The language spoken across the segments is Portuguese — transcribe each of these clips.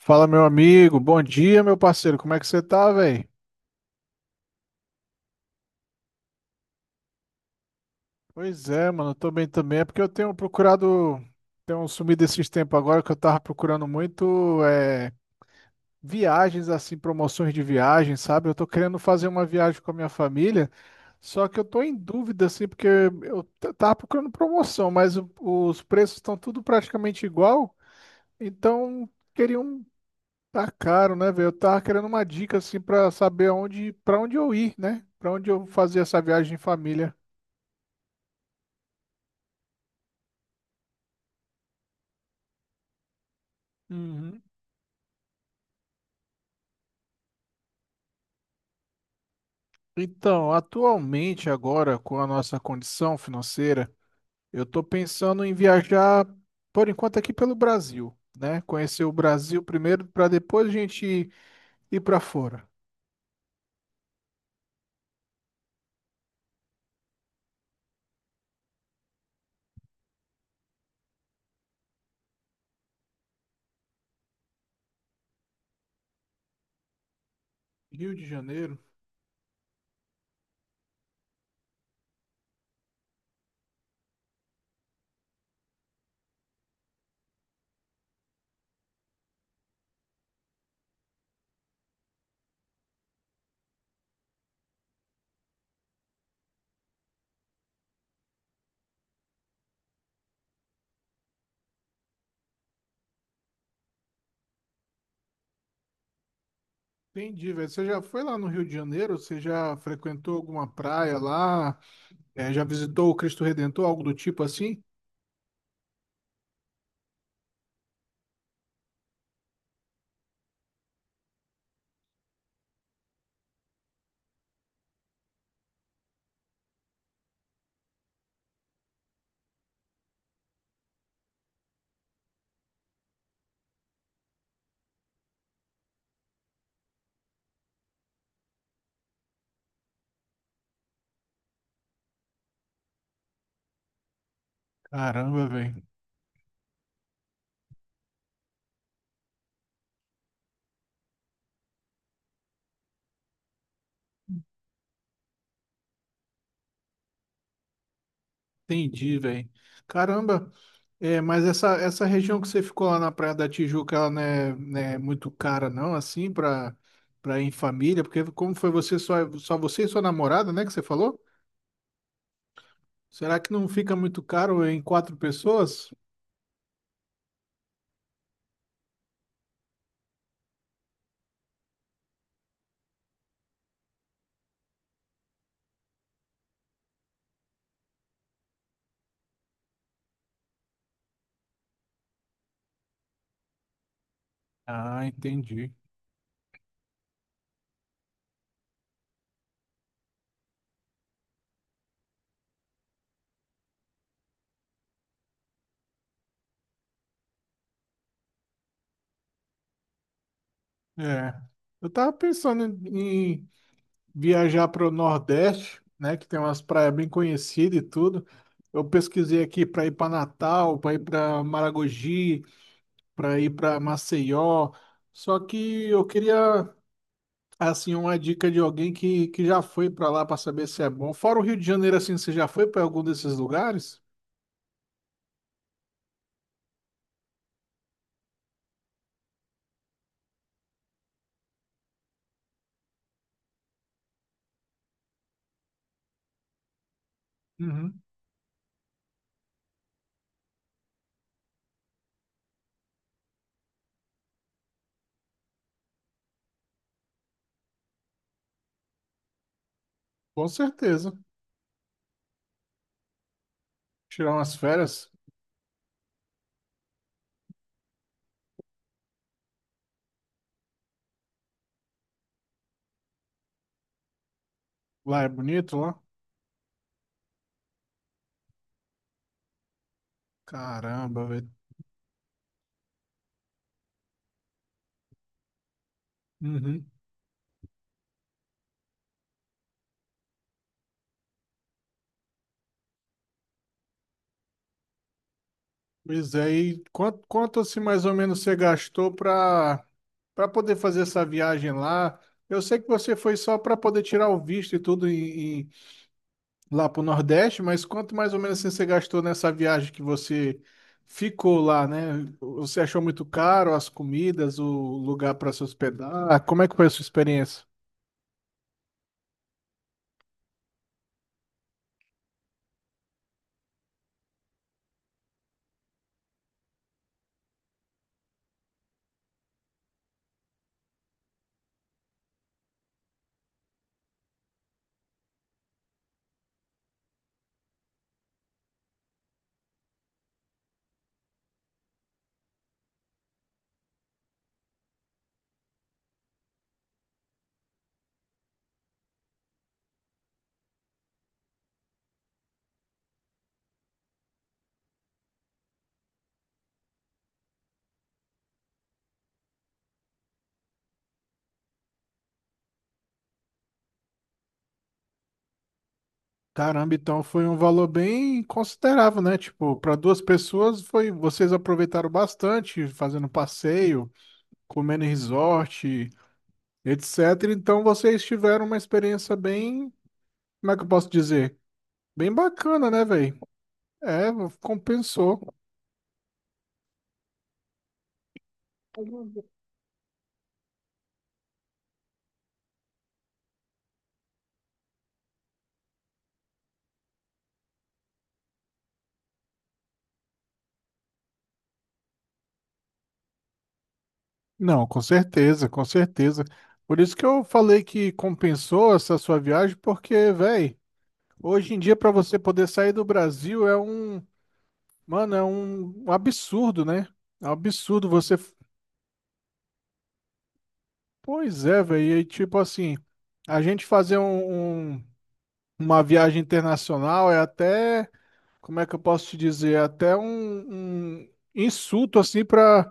Fala, meu amigo. Bom dia, meu parceiro. Como é que você tá, velho? Pois é, mano. Eu tô bem também. É porque eu tenho procurado. Tenho sumido esses tempos agora que eu tava procurando muito viagens, assim, promoções de viagem, sabe? Eu tô querendo fazer uma viagem com a minha família. Só que eu tô em dúvida, assim, porque eu tava procurando promoção, mas os preços estão tudo praticamente igual. Então, queria um. Tá caro, né, velho? Eu tava querendo uma dica assim pra saber aonde, para onde eu ir, né? Pra onde eu fazer essa viagem em família. Uhum. Então, atualmente agora com a nossa condição financeira, eu tô pensando em viajar por enquanto aqui pelo Brasil, né? Conhecer o Brasil primeiro pra depois a gente ir pra fora. Rio de Janeiro. Entendi, velho. Você já foi lá no Rio de Janeiro? Você já frequentou alguma praia lá? Já visitou o Cristo Redentor, algo do tipo assim? Caramba, velho. Entendi, velho. Caramba. É, mas essa região que você ficou lá na Praia da Tijuca, ela não é muito cara, não, assim, pra, pra ir em família? Porque como foi você só você e sua namorada, né, que você falou? Será que não fica muito caro em quatro pessoas? Ah, entendi. É. Eu tava pensando em viajar para o Nordeste, né, que tem umas praias bem conhecidas e tudo. Eu pesquisei aqui para ir para Natal, para ir para Maragogi, para ir para Maceió. Só que eu queria assim uma dica de alguém que já foi para lá para saber se é bom. Fora o Rio de Janeiro, assim, você já foi para algum desses lugares? Uhum. Com certeza. Tirar umas férias. Lá é bonito, lá. Caramba, velho. Uhum. Pois é, e quanto assim mais ou menos você gastou para para poder fazer essa viagem lá? Eu sei que você foi só para poder tirar o visto e tudo em, lá para o Nordeste, mas quanto mais ou menos assim, você gastou nessa viagem que você ficou lá, né? Você achou muito caro as comidas, o lugar para se hospedar? Como é que foi a sua experiência? Caramba, então foi um valor bem considerável, né? Tipo, para duas pessoas foi, vocês aproveitaram bastante fazendo passeio, comendo em resort, etc. Então vocês tiveram uma experiência bem, como é que eu posso dizer? Bem bacana, né, velho? É, compensou. Não, com certeza, com certeza. Por isso que eu falei que compensou essa sua viagem, porque, velho, hoje em dia para você poder sair do Brasil é um, mano, é um absurdo, né? É um absurdo você. Pois é, velho. E tipo assim, a gente fazer uma viagem internacional é até como é que eu posso te dizer? Até um insulto assim para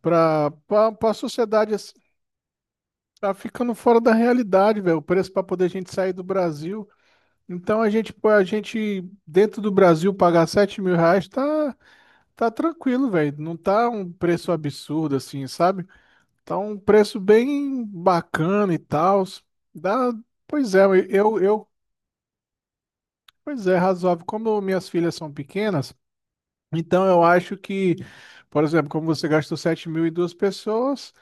para para a sociedade assim, tá ficando fora da realidade, velho. O preço para poder a gente sair do Brasil. Então a gente pô, a gente dentro do Brasil pagar 7 mil reais tá tranquilo, velho. Não tá um preço absurdo assim, sabe? Tá um preço bem bacana e tal. Dá, pois é, eu pois é, razoável. Como minhas filhas são pequenas. Então eu acho que, por exemplo, como você gastou 7 mil e duas pessoas,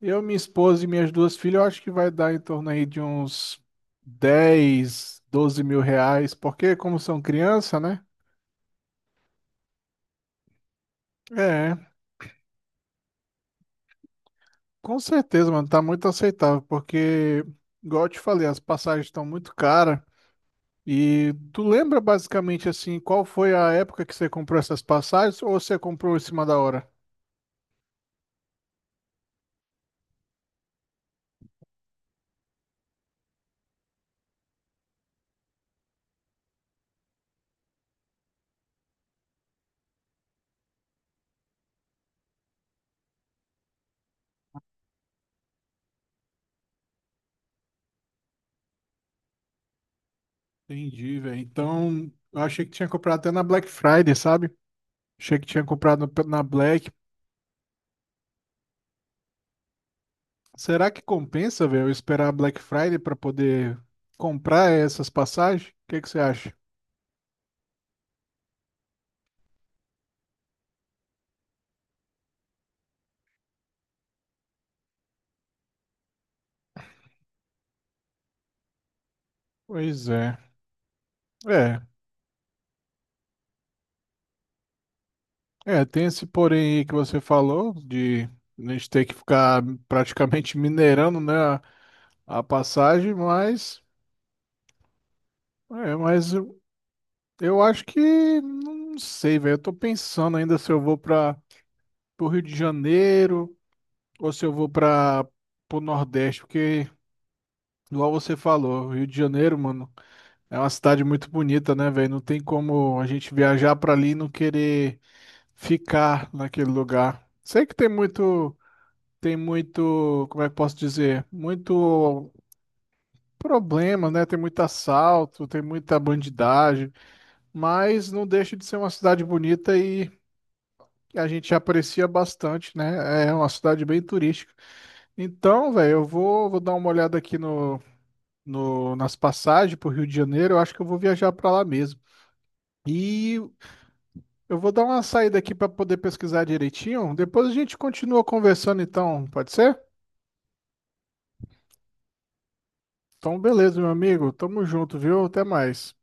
eu, minha esposa e minhas duas filhas, eu acho que vai dar em torno aí de uns 10, 12 mil reais, porque como são criança, né? É, com certeza, mano, tá muito aceitável, porque, igual eu te falei, as passagens estão muito caras. E tu lembra basicamente assim, qual foi a época que você comprou essas passagens ou você comprou em cima da hora? Entendi, velho. Então, eu achei que tinha comprado até na Black Friday, sabe? Achei que tinha comprado na Black. Será que compensa, velho, eu esperar a Black Friday pra poder comprar essas passagens? O que que você acha? Pois é. É, é, tem esse porém aí que você falou de a gente ter que ficar praticamente minerando, né, a passagem, mas é, mas eu acho que não sei, velho. Eu tô pensando ainda se eu vou para o Rio de Janeiro ou se eu vou para o Nordeste, porque igual você falou, Rio de Janeiro, mano. É uma cidade muito bonita, né, velho? Não tem como a gente viajar pra ali e não querer ficar naquele lugar. Sei que tem muito, como é que eu posso dizer? Muito problema, né? Tem muito assalto, tem muita bandidagem, mas não deixa de ser uma cidade bonita e a gente aprecia bastante, né? É uma cidade bem turística. Então, velho, eu vou dar uma olhada aqui no, no, nas passagens pro Rio de Janeiro. Eu acho que eu vou viajar pra lá mesmo. E eu vou dar uma saída aqui para poder pesquisar direitinho. Depois a gente continua conversando, então, pode ser? Então, beleza, meu amigo. Tamo junto, viu? Até mais.